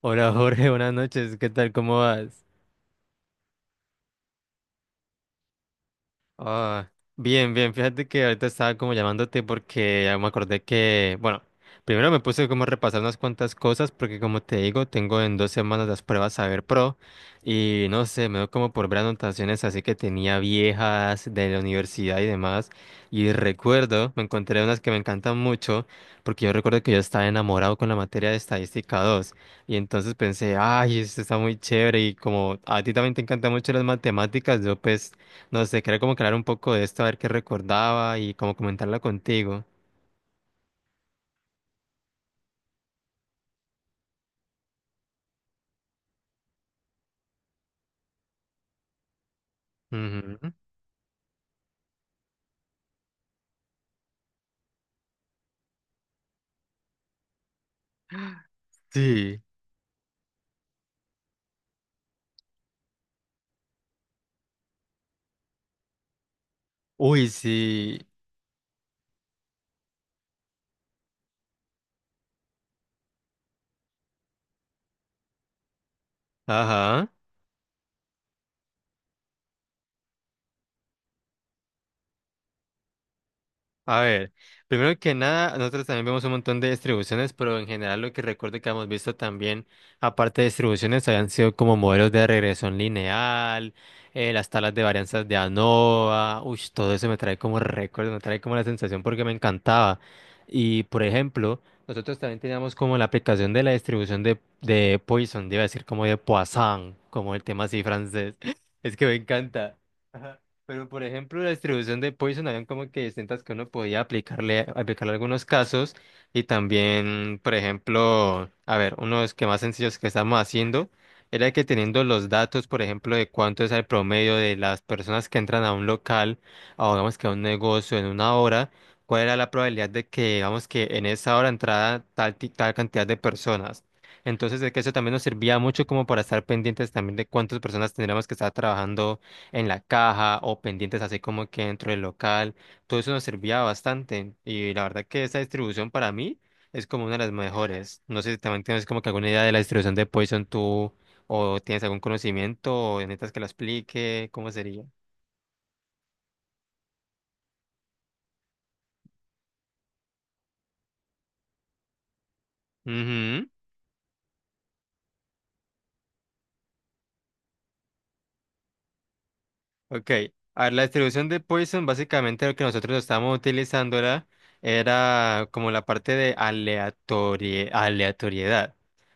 Hola Jorge, buenas noches, ¿qué tal? ¿Cómo vas? Ah, bien, bien, fíjate que ahorita estaba como llamándote porque ya me acordé que, bueno, primero me puse como a repasar unas cuantas cosas porque como te digo, tengo en 2 semanas las pruebas Saber Pro y no sé, me dio como por ver anotaciones así que tenía viejas de la universidad y demás y recuerdo, me encontré unas que me encantan mucho porque yo recuerdo que yo estaba enamorado con la materia de estadística 2 y entonces pensé, ay, esto está muy chévere y como a ti también te encantan mucho las matemáticas, yo pues... No sé, quería como que un poco de esto, a ver qué recordaba y como comentarla contigo. Ujú. Sí. Uy, sí. Ajá. A ver, primero que nada, nosotros también vemos un montón de distribuciones, pero en general lo que recuerdo que hemos visto también, aparte de distribuciones, habían sido como modelos de regresión lineal, las tablas de varianzas de ANOVA, uy, todo eso me trae como récord, me trae como la sensación porque me encantaba. Y por ejemplo, nosotros también teníamos como la aplicación de la distribución de Poisson, iba a decir como de Poisson, como el tema así francés, es que me encanta. Pero, por ejemplo, la distribución de Poison habían como que distintas que uno podía aplicarle algunos casos y también, por ejemplo, a ver, uno de los que más sencillos que estamos haciendo era que teniendo los datos, por ejemplo, de cuánto es el promedio de las personas que entran a un local o digamos que a un negocio en una hora, cuál era la probabilidad de que, digamos que en esa hora entrara tal cantidad de personas. Entonces, de que eso también nos servía mucho como para estar pendientes también de cuántas personas tendríamos que estar trabajando en la caja o pendientes así como que dentro del local. Todo eso nos servía bastante y la verdad que esta distribución para mí es como una de las mejores. No sé si también tienes como que alguna idea de la distribución de Poison tú o tienes algún conocimiento o necesitas que la explique, ¿cómo sería? Ok, a ver, la distribución de Poisson, básicamente lo que nosotros estábamos utilizando era como la parte de aleatoriedad.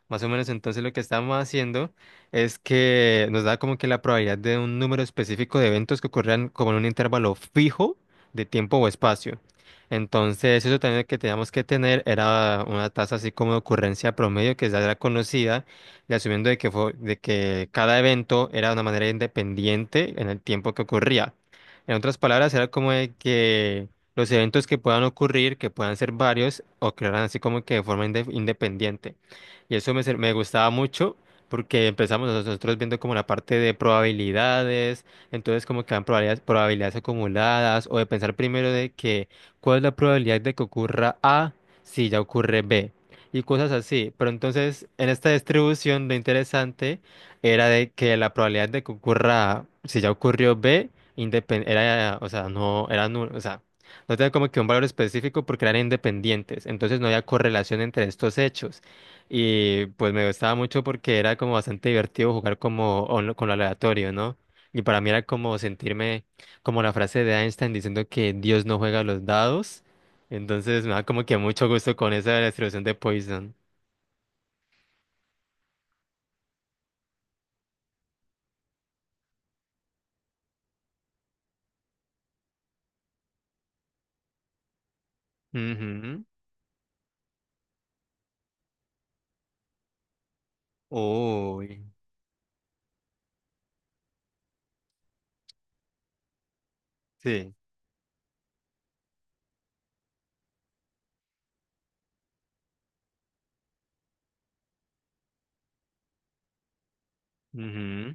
Más o menos entonces lo que estábamos haciendo es que nos da como que la probabilidad de un número específico de eventos que ocurran como en un intervalo fijo de tiempo o espacio. Entonces eso también que teníamos que tener era una tasa así como de ocurrencia promedio que ya era conocida y asumiendo de que cada evento era de una manera independiente en el tiempo que ocurría. En otras palabras, era como de que los eventos que puedan ocurrir, que puedan ser varios, ocurrieran así como que de forma independiente. Y eso me gustaba mucho porque empezamos nosotros viendo como la parte de probabilidades, entonces como que dan probabilidades, probabilidades acumuladas o de pensar primero de que cuál es la probabilidad de que ocurra A si ya ocurre B y cosas así. Pero entonces, en esta distribución, lo interesante era de que la probabilidad de que ocurra, si ya ocurrió B, era, o sea, no era nulo, o sea, no tenía como que un valor específico porque eran independientes. Entonces no había correlación entre estos hechos. Y pues me gustaba mucho porque era como bastante divertido jugar como con lo aleatorio, ¿no? Y para mí era como sentirme como la frase de Einstein diciendo que Dios no juega a los dados. Entonces me da como que mucho gusto con esa de la distribución de Poison. Ujú. Uy, sí. Ujú.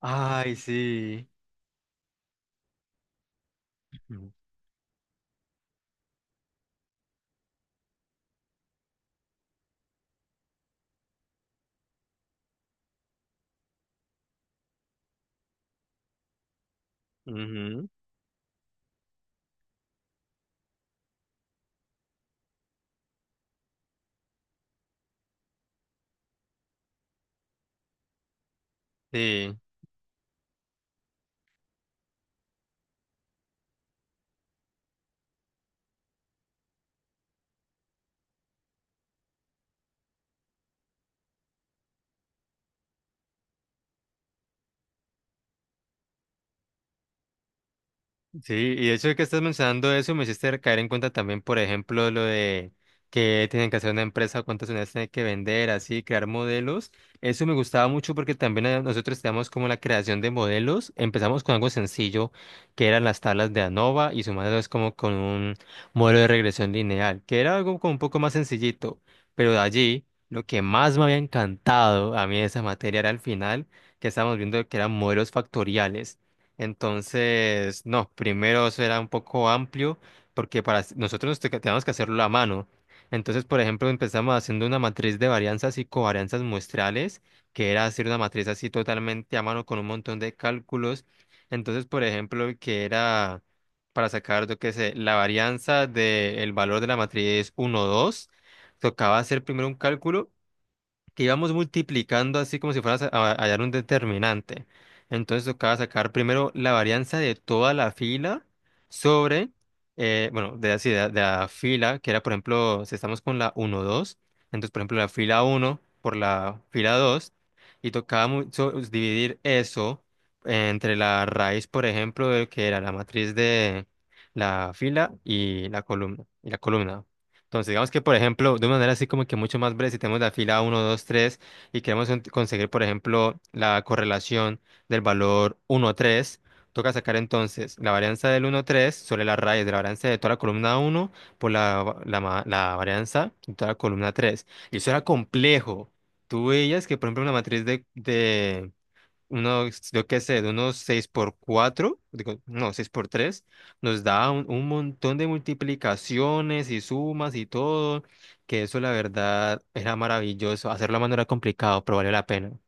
Ay, sí. Ujú. Ujú. Sí. Sí, y de hecho que estás mencionando eso me hiciste caer en cuenta también, por ejemplo, lo de que tienen que hacer una empresa, cuántas unidades tienen que vender, así, crear modelos. Eso me gustaba mucho porque también nosotros teníamos como la creación de modelos. Empezamos con algo sencillo, que eran las tablas de ANOVA y sumándolas como con un modelo de regresión lineal, que era algo como un poco más sencillito. Pero de allí, lo que más me había encantado a mí de esa materia era al final, que estábamos viendo que eran modelos factoriales entonces, no, primero eso era un poco amplio porque nosotros teníamos que hacerlo a mano. Entonces, por ejemplo, empezamos haciendo una matriz de varianzas y covarianzas muestrales, que era hacer una matriz así totalmente a mano con un montón de cálculos. Entonces, por ejemplo, que era para sacar, yo qué sé, la varianza del valor de la matriz 1, 2, tocaba hacer primero un cálculo que íbamos multiplicando así como si fueras a hallar un determinante. Entonces tocaba sacar primero la varianza de toda la fila sobre, bueno, de, así, de la fila, que era por ejemplo, si estamos con la uno 2 entonces por ejemplo la fila uno por la fila 2 y tocaba dividir eso entre la raíz, por ejemplo, de que era la matriz de la fila y la columna, y la columna. Entonces, digamos que, por ejemplo, de una manera así como que mucho más breve, si tenemos la fila uno 2 3 y queremos conseguir, por ejemplo, la correlación del valor uno 3 toca sacar entonces la varianza del uno 3 sobre la raíz de la varianza de toda la columna uno por la varianza de toda la columna tres. Y eso era complejo. Tú veías que, por ejemplo, una matriz de, unos, yo qué sé, de unos 6 por 4 digo, no, 6 por 3 nos da un montón de multiplicaciones y sumas y todo, que eso la verdad era maravilloso. Hacerlo a mano era complicado, pero valió la pena.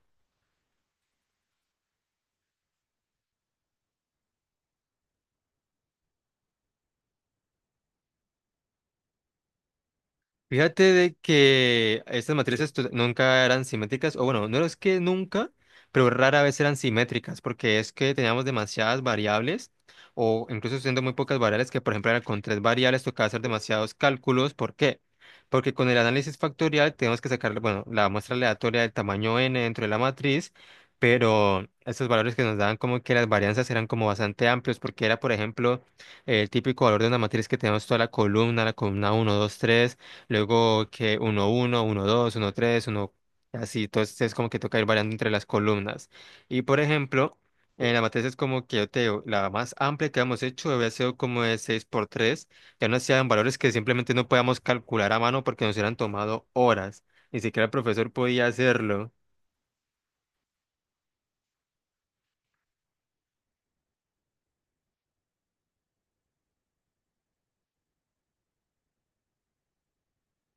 Fíjate de que estas matrices nunca eran simétricas, o bueno, no es que nunca, pero rara vez eran simétricas, porque es que teníamos demasiadas variables, o incluso siendo muy pocas variables, que por ejemplo era con tres variables tocaba hacer demasiados cálculos. ¿Por qué? Porque con el análisis factorial tenemos que sacar, bueno, la muestra aleatoria del tamaño n dentro de la matriz, pero estos valores que nos daban como que las varianzas eran como bastante amplios, porque era, por ejemplo, el típico valor de una matriz que tenemos toda la columna uno, 2, 3. Luego que uno uno uno dos uno tres uno así. Entonces es como que toca ir variando entre las columnas. Y por ejemplo, en la matriz es como que yo te digo, la más amplia que hemos hecho había sido como de 6 por tres. Ya no hacían valores que simplemente no podíamos calcular a mano porque nos hubieran tomado horas. Ni siquiera el profesor podía hacerlo.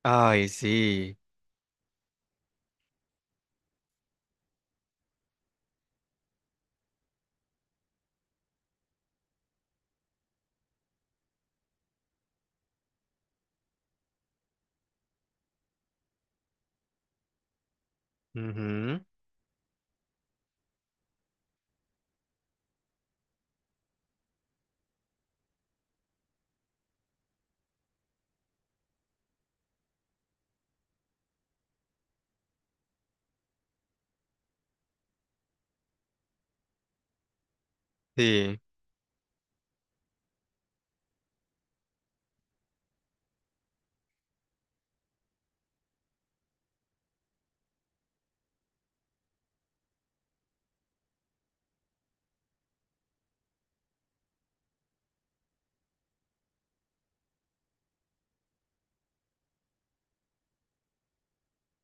Ay, sí. Ujú. Sí.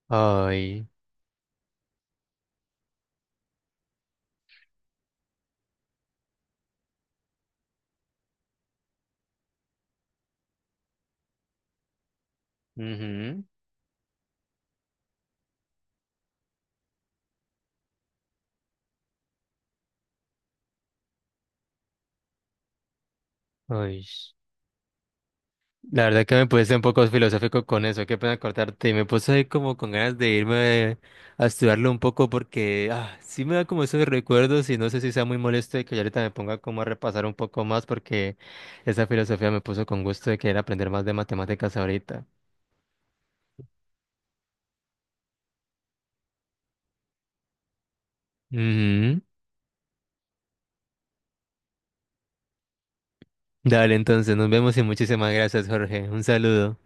Ay. Ujú. Ay. La verdad que me puse un poco filosófico con eso, qué pena cortarte. Y me puse ahí como con ganas de irme a estudiarlo un poco porque sí me da como esos recuerdos y no sé si sea muy molesto de que yo ahorita me ponga como a repasar un poco más porque esa filosofía me puso con gusto de querer aprender más de matemáticas ahorita. Ujú. Dale, entonces nos vemos y muchísimas gracias, Jorge. Un saludo.